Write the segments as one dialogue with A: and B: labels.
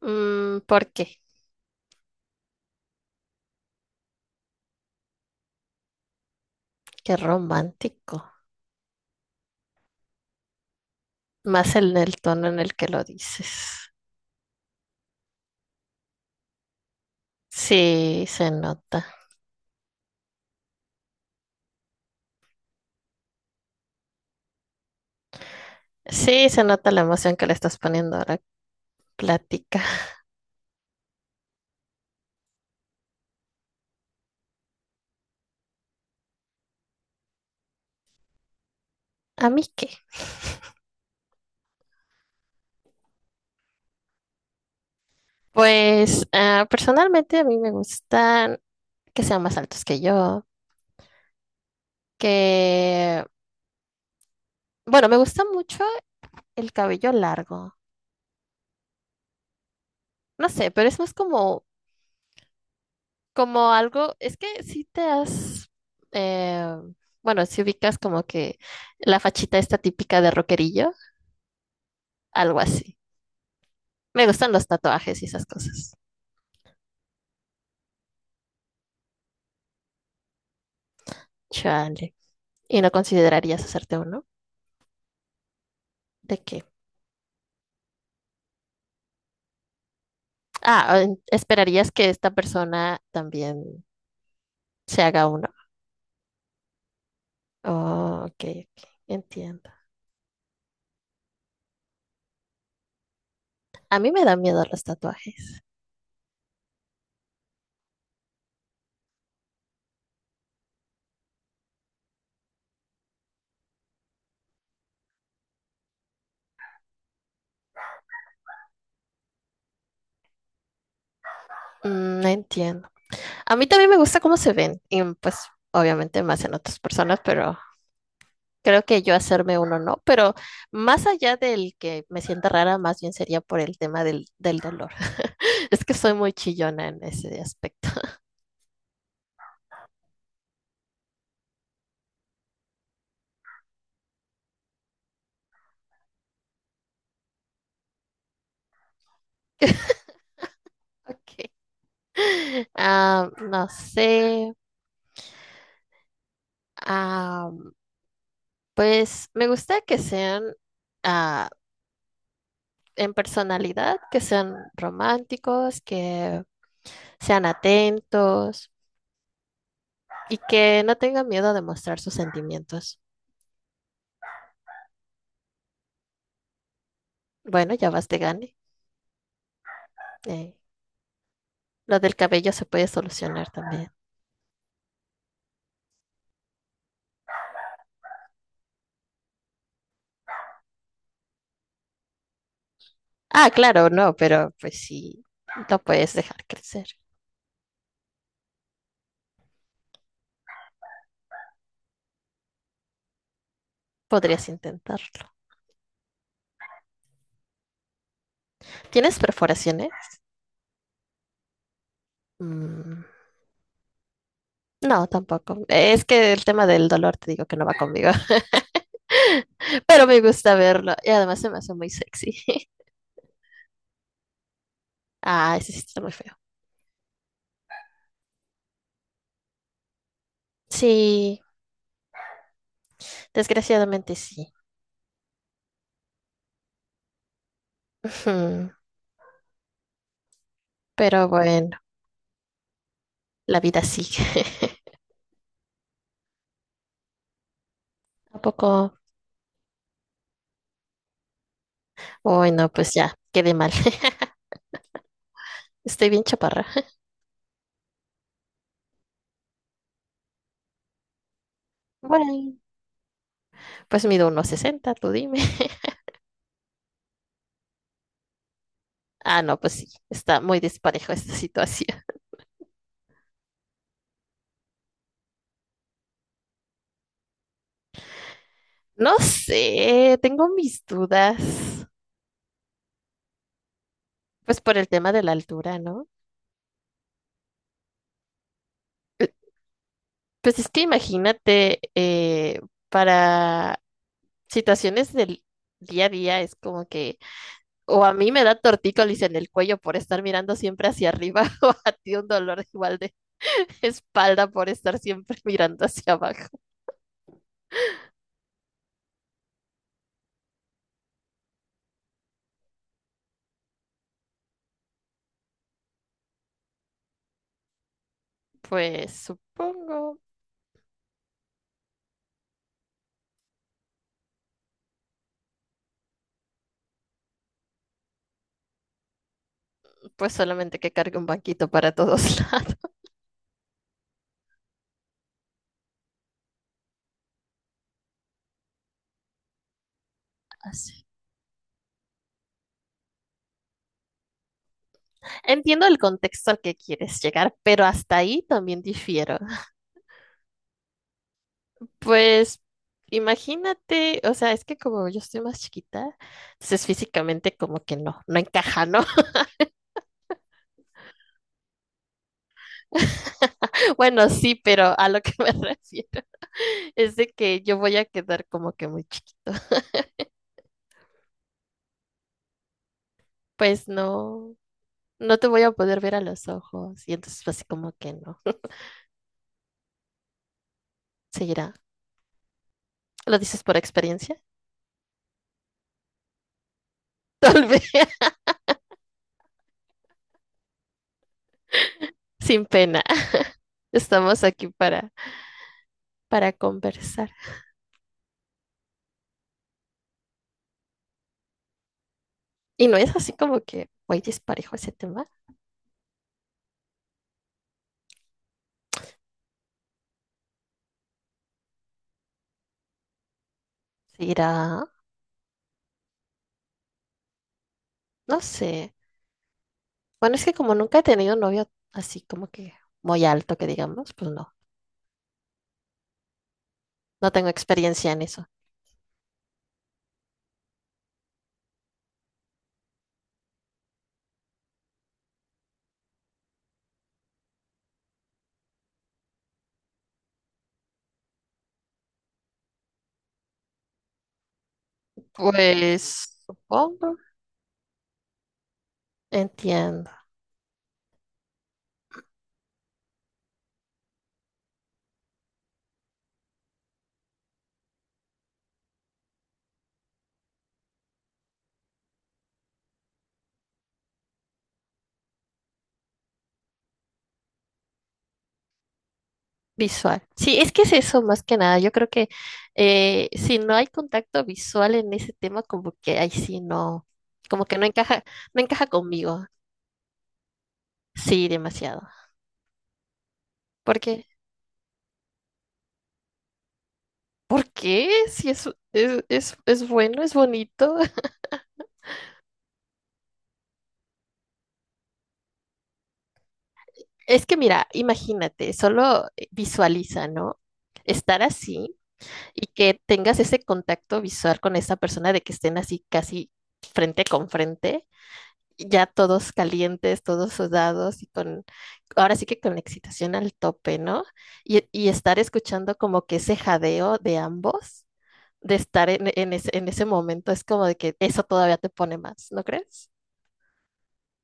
A: Mm, ¿por qué? Qué romántico. Más en el tono en el que lo dices. Sí, se nota. Sí, se nota la emoción que le estás poniendo a la plática. ¿A mí qué? Pues personalmente a mí me gustan que sean más altos que yo, que, bueno, me gusta mucho el cabello largo. No sé, pero es más como algo, es que eh, bueno, si ubicas como que la fachita esta típica de rockerillo. Algo así. Me gustan los tatuajes y esas cosas. Chale. ¿Y no considerarías hacerte uno? ¿De qué? Ah, ¿esperarías que esta persona también se haga uno? Oh, ok, ok, entiendo. A mí me da miedo los tatuajes. Mm, no entiendo. A mí también me gusta cómo se ven. Y pues, obviamente, más en otras personas, pero creo que yo hacerme uno no. Pero más allá del que me sienta rara, más bien sería por el tema del dolor. Es que soy muy chillona en ese aspecto. Ok. Ah, no sé. Ah, pues me gusta que sean ah, en personalidad, que sean románticos, que sean atentos y que no tengan miedo de mostrar sus sentimientos. Bueno, ya vas de gane. Eh, lo del cabello se puede solucionar también. Ah, claro, no, pero pues sí, lo puedes dejar crecer. Podrías intentarlo. ¿Tienes perforaciones? Mm. No, tampoco. Es que el tema del dolor te digo que no va conmigo, pero me gusta verlo y además se me hace muy sexy. Ah, ese sí está muy feo. Sí, desgraciadamente sí. Ujú. Pero bueno, la vida sigue. Tampoco. ¿Poco? Uy, no, pues ya, quedé mal. Estoy bien chaparra. Bueno, pues mido unos 60. Tú dime. Ah, no, pues sí, está muy disparejo esta situación. No sé, tengo mis dudas. Pues por el tema de la altura, ¿no? Pues es que imagínate, para situaciones del día a día es como que, o a mí me da tortícolis en el cuello por estar mirando siempre hacia arriba, o a ti un dolor igual de espalda por estar siempre mirando hacia abajo. Pues supongo, pues solamente que cargue un banquito para todos lados. Entiendo el contexto al que quieres llegar, pero hasta ahí también difiero. Pues imagínate, o sea, es que como yo estoy más chiquita, entonces físicamente como que no encaja, ¿no? Bueno, sí, pero a lo que me refiero es de que yo voy a quedar como que muy chiquito. Pues no te voy a poder ver a los ojos y entonces así como que no. Seguirá. ¿Lo dices por experiencia? Tal vez, sin pena. Estamos aquí para conversar. Y no es así como que voy disparejo ese tema. Seguirá. No sé. Bueno, es que como nunca he tenido un novio así como que muy alto, que digamos, pues no, no tengo experiencia en eso. Pues supongo, entiendo. Visual. Sí, es que es eso más que nada. Yo creo que si no hay contacto visual en ese tema, como que ahí sí no, como que no encaja conmigo. Sí, demasiado. Porque ¿por qué? Si es bueno, es bonito. Es que mira, imagínate, solo visualiza, ¿no? Estar así y que tengas ese contacto visual con esa persona de que estén así casi frente con frente, ya todos calientes, todos sudados y con, ahora sí que con la excitación al tope, ¿no? Y estar escuchando como que ese jadeo de ambos, de estar en ese momento, es como de que eso todavía te pone más, ¿no crees?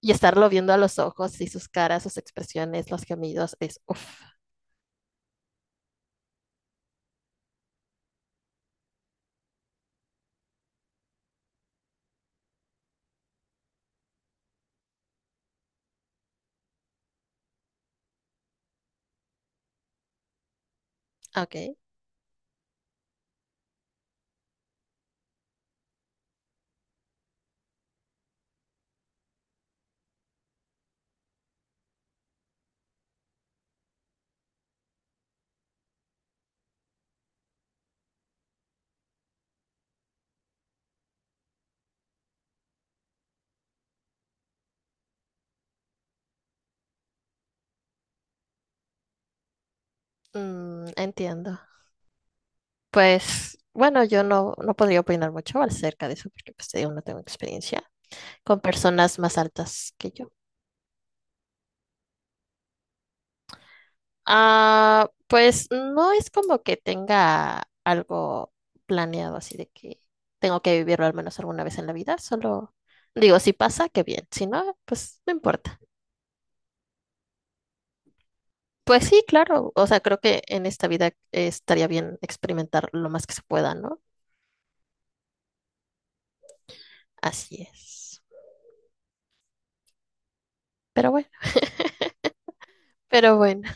A: Y estarlo viendo a los ojos y sus caras, sus expresiones, los gemidos, es uff. Ok, mm, entiendo. Pues bueno, yo no podría opinar mucho acerca de eso porque pues te digo, no tengo experiencia con personas más altas que yo. Ah, pues no es como que tenga algo planeado así de que tengo que vivirlo al menos alguna vez en la vida, solo digo, si pasa, qué bien, si no, pues no importa. Pues sí, claro. O sea, creo que en esta vida estaría bien experimentar lo más que se pueda, ¿no? Así es. Pero bueno, pero bueno.